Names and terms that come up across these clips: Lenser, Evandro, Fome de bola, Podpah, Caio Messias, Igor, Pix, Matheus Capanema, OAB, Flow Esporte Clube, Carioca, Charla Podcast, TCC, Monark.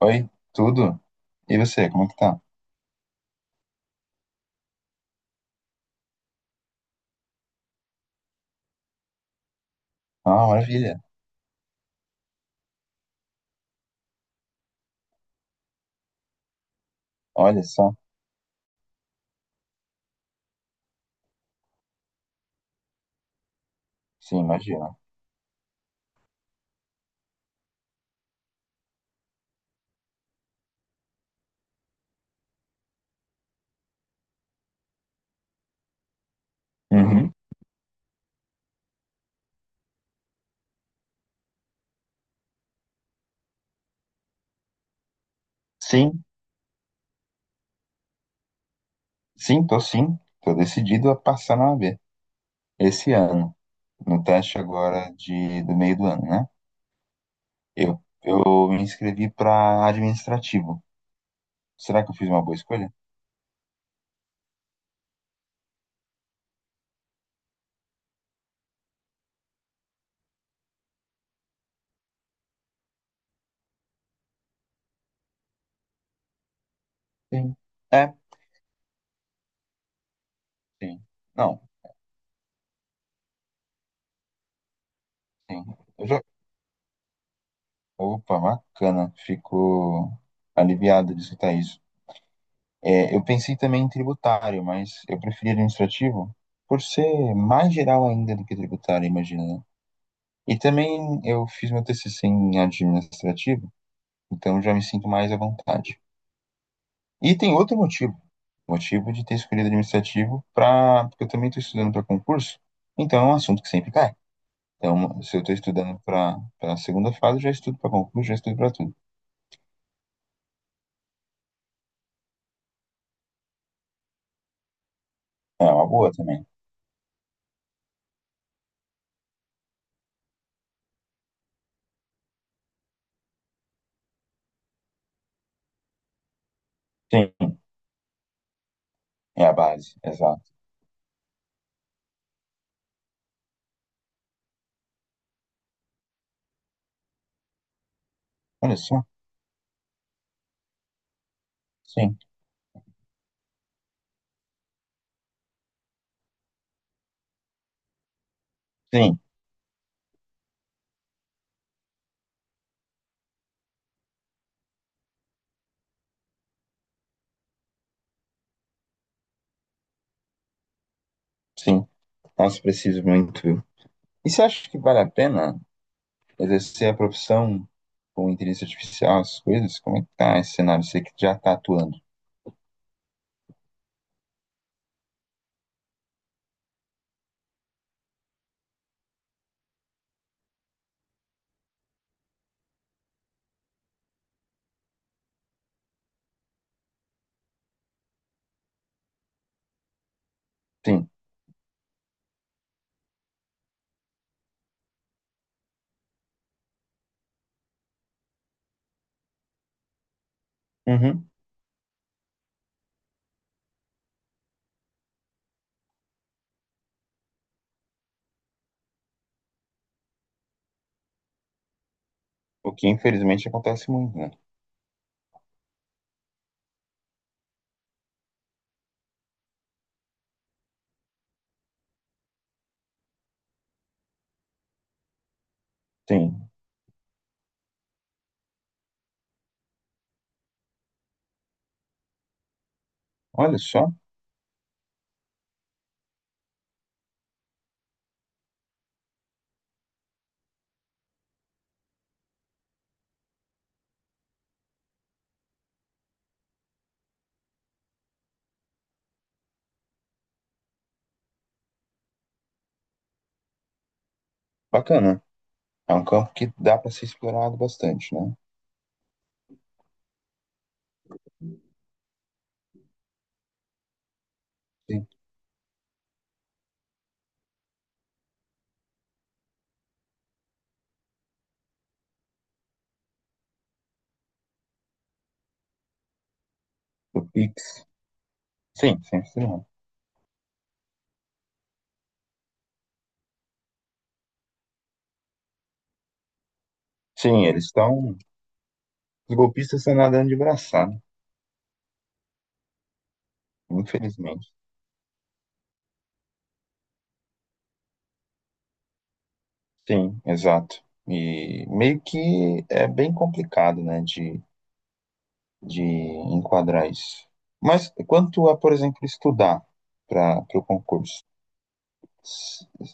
Oi, tudo? E você, como é que tá? Ah, maravilha. Olha só. Sim, imagina. Uhum. Sim, sim, tô sim. Tô decidido a passar na OAB esse ano, no teste agora do meio do ano, né? Eu, eu me inscrevi para administrativo. Será que eu fiz uma boa escolha? Sim. É, sim. Não, sim. Eu já... Opa, bacana. Fico aliviado de escutar isso. É, eu pensei também em tributário, mas eu preferi administrativo por ser mais geral ainda do que tributário, imagina, né? E também eu fiz meu TCC em administrativo, então já me sinto mais à vontade. E tem outro motivo, motivo de ter escolhido administrativo para, porque eu também estou estudando para concurso, então é um assunto que sempre cai. Então, se eu estou estudando para a segunda fase, eu já estudo para concurso, já estudo para tudo. É uma boa também. Sim, é a base, exato. Olha só, sim, sim, sim. Nossa, preciso muito. E você acha que vale a pena exercer a profissão com inteligência artificial, essas coisas? Como é que tá esse cenário? Você que já tá atuando. Sim. Uhum. O que infelizmente acontece muito, né? Sim. Olha só, bacana. É um campo que dá para ser explorado bastante, né? Sim. O Pix. Sim, sim, sim. Sim, eles estão. Os golpistas estão nadando de braçada, infelizmente. Sim, exato. E meio que é bem complicado, né, de enquadrar isso. Mas quanto a, por exemplo, estudar para o concurso,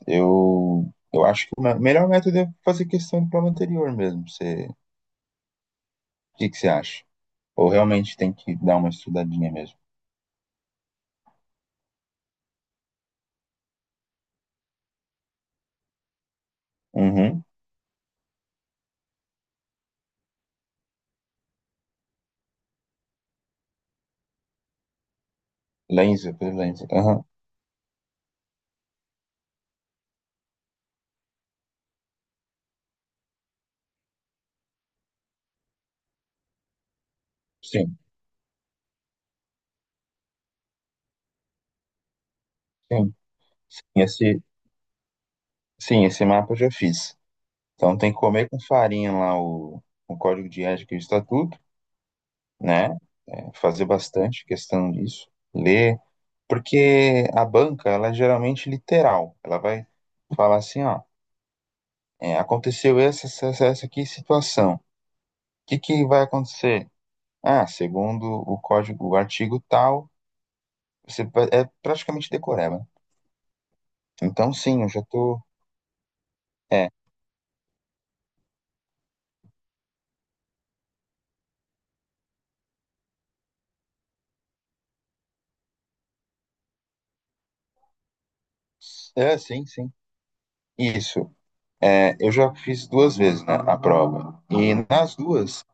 eu acho que o melhor método é fazer questão do prova anterior mesmo. Você, que você acha? Ou realmente tem que dar uma estudadinha mesmo? Uhum. Lenser, por Lenser. Aham. Sim, sim, sim. Esse, sim, esse mapa eu já fiz. Então tem que comer com farinha lá o código de ética e o estatuto, né? É, fazer bastante questão disso. Ler porque a banca, ela é geralmente literal. Ela vai falar assim, ó, é, aconteceu essa aqui situação. O que vai acontecer? Ah, segundo o código, o artigo tal, você é praticamente decoreba. Então, sim, eu já tô... É, é, sim, sim. Isso. É, eu já fiz duas vezes, né, a prova. E nas duas,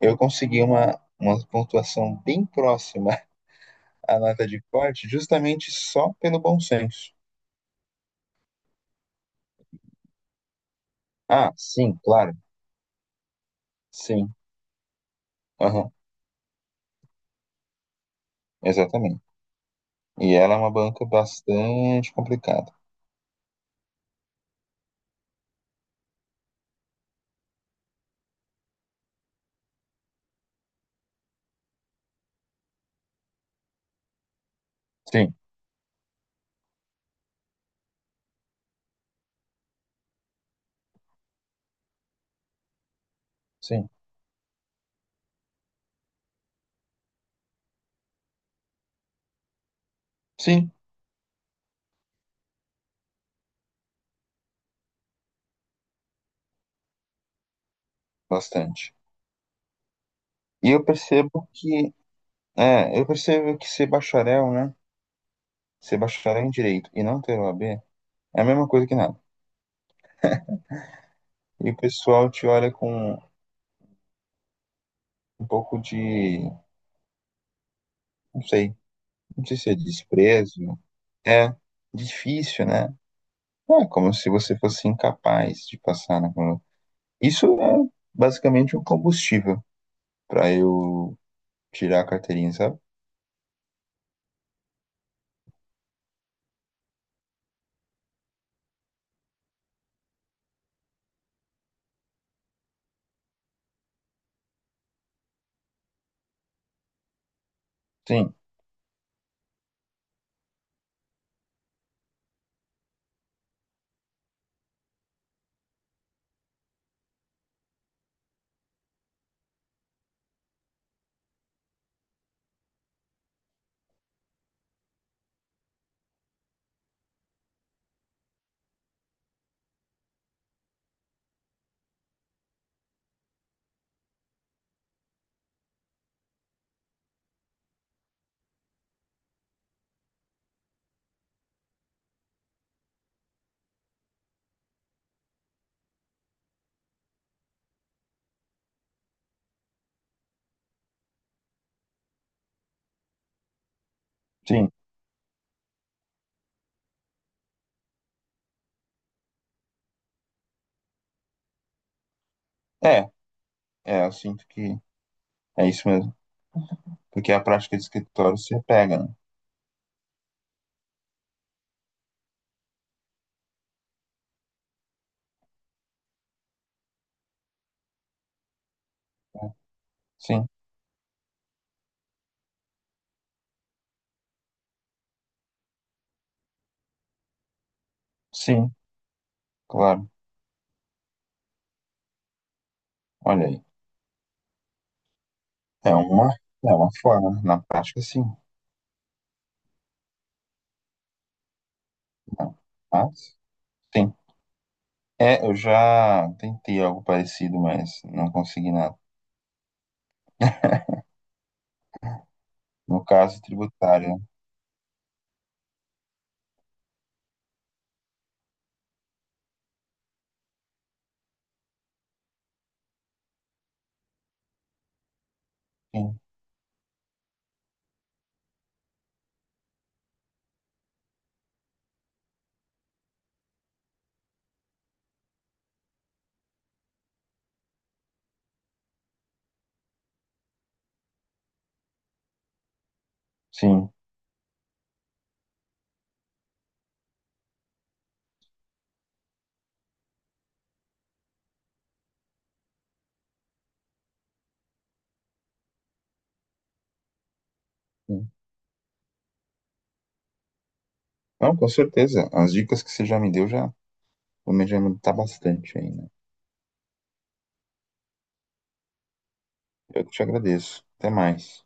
eu consegui uma pontuação bem próxima à nota de corte, justamente só pelo bom senso. Ah, sim, claro. Sim, aham, exatamente. E ela é uma banca bastante complicada. Sim, sim, sim, bastante. E eu percebo eu percebo que ser bacharel, né? Ser bacharel em direito e não ter o A B é a mesma coisa que nada. E o pessoal te olha com um pouco de, não sei, não sei se é desprezo, é difícil, né? É como se você fosse incapaz de passar naquela. Isso é basicamente um combustível para eu tirar a carteirinha, sabe? Sim, sim. É, eu sinto que é isso mesmo. Porque a prática de escritório se pega, né? Sim, sim, claro. Olha aí. É uma, é uma forma, né? Na prática, sim. Não. Mas, sim. É, eu já tentei algo parecido, mas não consegui nada. No caso tributário, né? Sim, sim. Sim. Não, com certeza. As dicas que você já me deu já vou me adiantar bastante aí, né? Eu que te agradeço. Até mais.